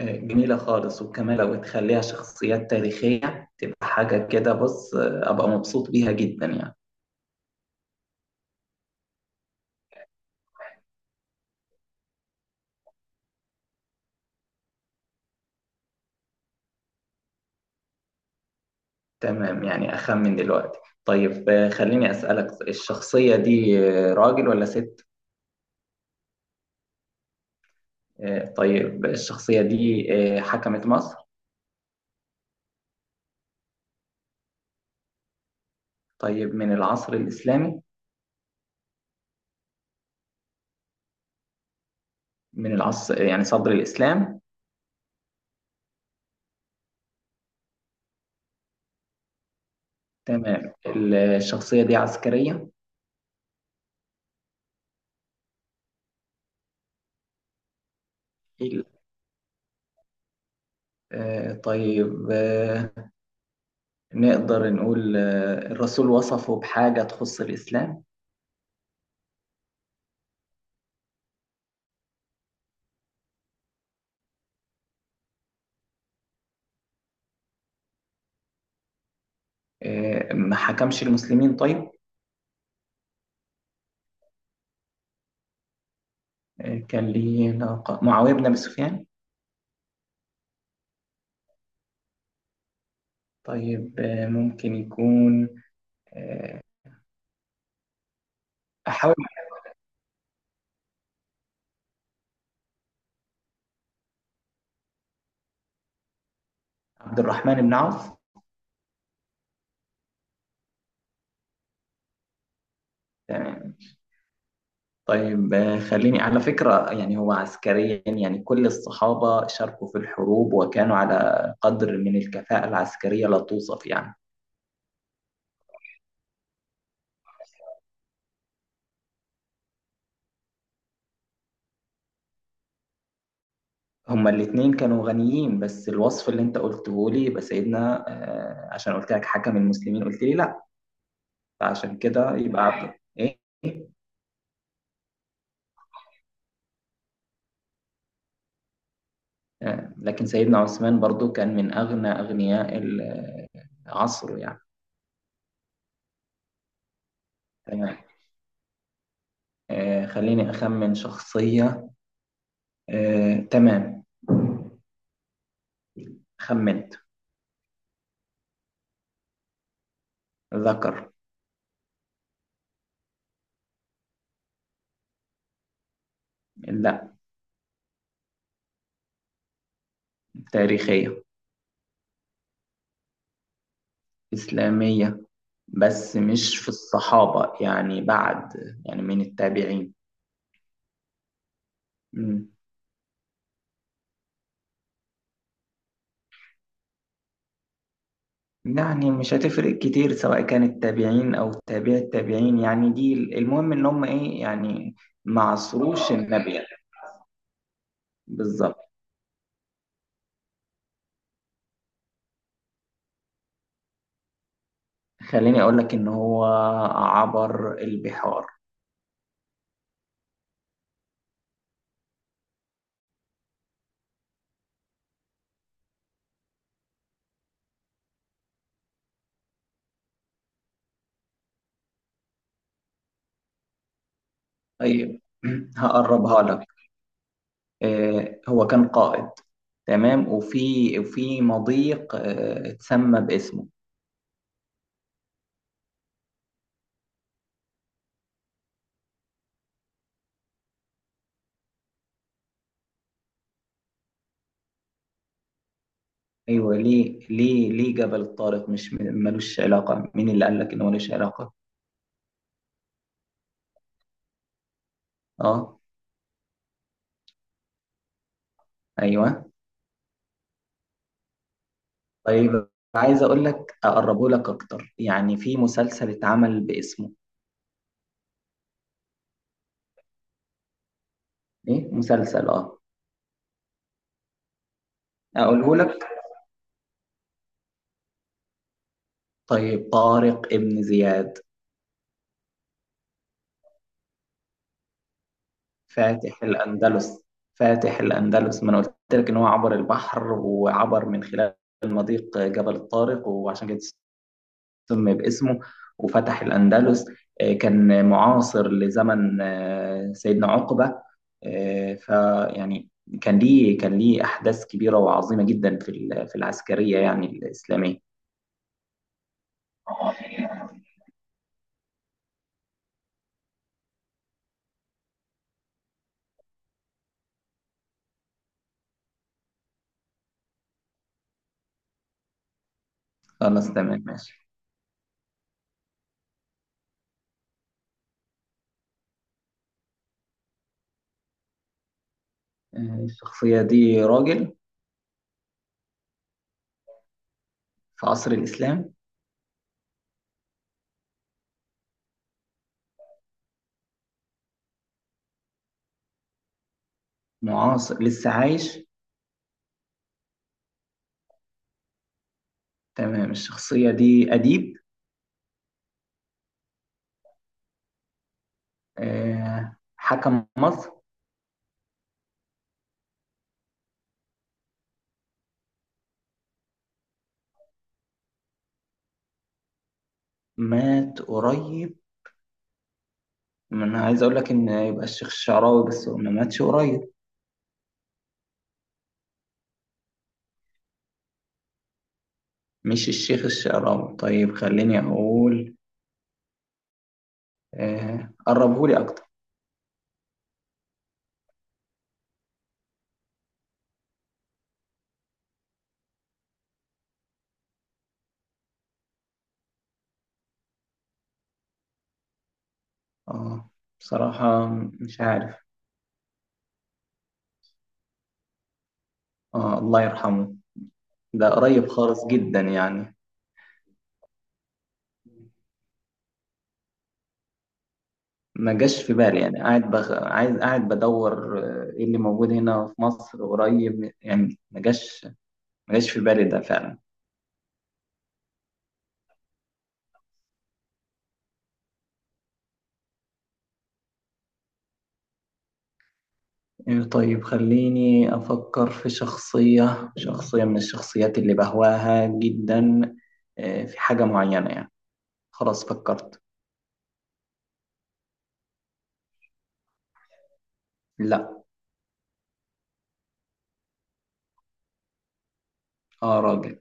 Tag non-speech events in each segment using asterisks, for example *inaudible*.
جميلة خالص وكمان لو تخليها شخصيات تاريخية تبقى حاجة كده. بص، أبقى مبسوط بيها جدا يعني. تمام، يعني أخمن دلوقتي. طيب، خليني أسألك. الشخصية دي راجل ولا ست؟ طيب، الشخصية دي حكمت مصر؟ طيب، من العصر الإسلامي؟ من العصر يعني صدر الإسلام؟ تمام. الشخصية دي عسكرية؟ ال- طيب، نقدر نقول، الرسول وصفه بحاجة تخص الإسلام؟ ما حكمش المسلمين. طيب، كان ليه ناقة معاوية بن أبي سفيان؟ طيب، ممكن يكون. آه، أحاول. عبد الرحمن بن عوف. تمام. طيب، خليني على فكرة. يعني هو عسكريا يعني كل الصحابة شاركوا في الحروب وكانوا على قدر من الكفاءة العسكرية لا توصف يعني. هما الاتنين كانوا غنيين، بس الوصف اللي انت قلته لي يبقى سيدنا عشان قلت لك حكم المسلمين قلت لي لا. فعشان كده يبقى عبد ايه. لكن سيدنا عثمان برضو كان من أغنى أغنياء عصره يعني. تمام. خليني أخمن شخصية. تمام، خمنت. ذكر. لا. تاريخية. إسلامية. بس مش في الصحابة يعني، بعد. يعني من التابعين. مم. يعني مش هتفرق كتير، سواء كانت تابعين أو تابع التابعين يعني. دي المهم إن هم إيه يعني. ما عصروش النبي يعني. بالظبط. خليني أقول لك إن هو عبر البحار. طيب، *clears throat* هقربها لك. هو كان قائد. تمام. وفي مضيق اتسمى باسمه. أيوه، ليه ليه ليه جبل طارق؟ مش م- ملوش علاقة؟ مين اللي قال لك إنه ملوش علاقة؟ أه. أيوه. طيب، عايز أقول لك، أقربه لك أكتر. يعني في مسلسل اتعمل باسمه. إيه، مسلسل، أه. أقوله لك. طيب، طارق ابن زياد. فاتح الأندلس. فاتح الأندلس، ما أنا قلت لك إن هو عبر البحر وعبر من خلال المضيق جبل الطارق، وعشان كده سمي باسمه وفتح الأندلس. كان معاصر لزمن سيدنا عقبة. فيعني كان ليه أحداث كبيرة وعظيمة جدا في في العسكرية يعني الإسلامية. خلاص، تمام، ماشي. الشخصية دي راجل في عصر الإسلام؟ معاصر لسه عايش؟ تمام. الشخصية دي أديب؟ حكم مصر؟ مات قريب. ما انا عايز اقول لك ان يبقى الشيخ الشعراوي، بس هو ما ماتش قريب. مش الشيخ الشعراوي. طيب، خليني اقول. آه، قربهولي اكتر. اه، بصراحة مش عارف. آه، الله يرحمه. ده قريب خالص جدا يعني. ما جاش في بالي يعني. قاعد عايز، قاعد بدور ايه اللي موجود هنا في مصر قريب يعني. ما جاش في بالي ده فعلا. إيه، طيب، خليني أفكر في شخصية من الشخصيات اللي بهواها جدا. في حاجة معينة يعني. خلاص، فكرت. لا. آه، راجل.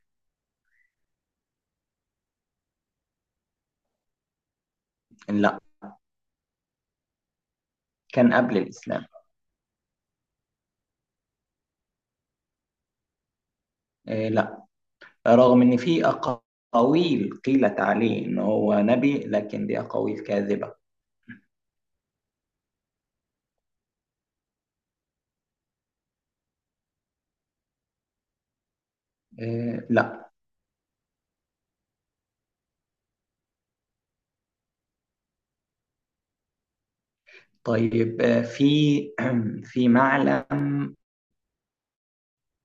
لا، كان قبل الإسلام. لا، رغم إن في أقاويل قيلت عليه إن هو نبي، لكن دي أقاويل كاذبة. لا. طيب، في *clears throat* في معلم.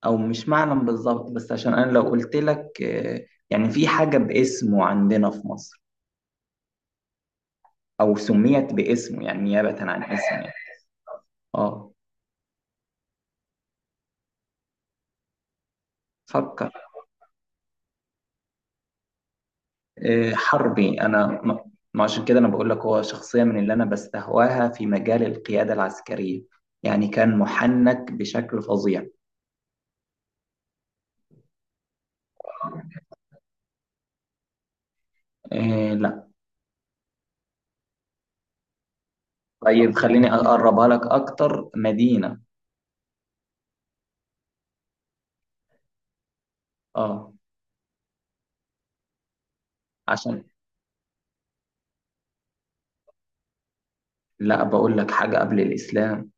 أو مش معلم بالظبط، بس عشان أنا لو قلت لك يعني في حاجة باسمه عندنا في مصر. أو سميت باسمه، يعني نيابة عن اسمه يعني. اه. فكر. حربي. أنا ما عشان كده أنا بقول لك هو شخصية من اللي أنا بستهواها في مجال القيادة العسكرية. يعني كان محنك بشكل فظيع. آه، لا. طيب، خليني أقربها لك أكتر. مدينة. اه، عشان. لا، بقول لك حاجة قبل الإسلام.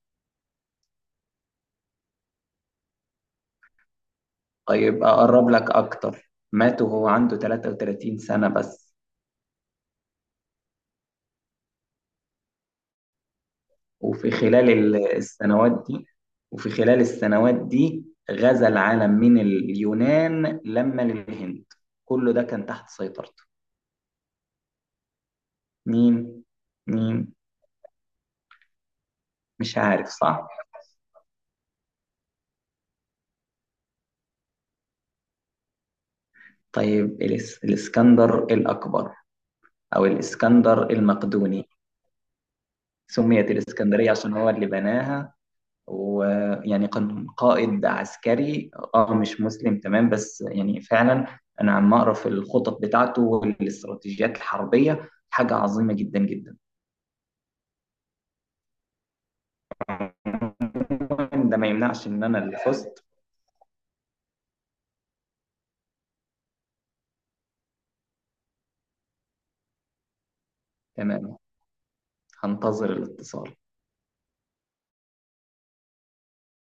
طيب، أقرب لك أكتر. مات وهو عنده 33 سنة بس. وفي خلال السنوات دي غزا العالم من اليونان لما للهند. كله ده كان تحت سيطرته. مين مين. مش عارف. صح. طيب، الإسكندر الأكبر، أو الإسكندر المقدوني. سميت الإسكندرية عشان هو اللي بناها. ويعني كان قائد عسكري، اه، مش مسلم، تمام، بس يعني فعلا انا عم اقرا في الخطط بتاعته والاستراتيجيات الحربيه، حاجه عظيمه جدا جدا. ده ما يمنعش ان انا اللي فزت. تمام، هنتظر الاتصال.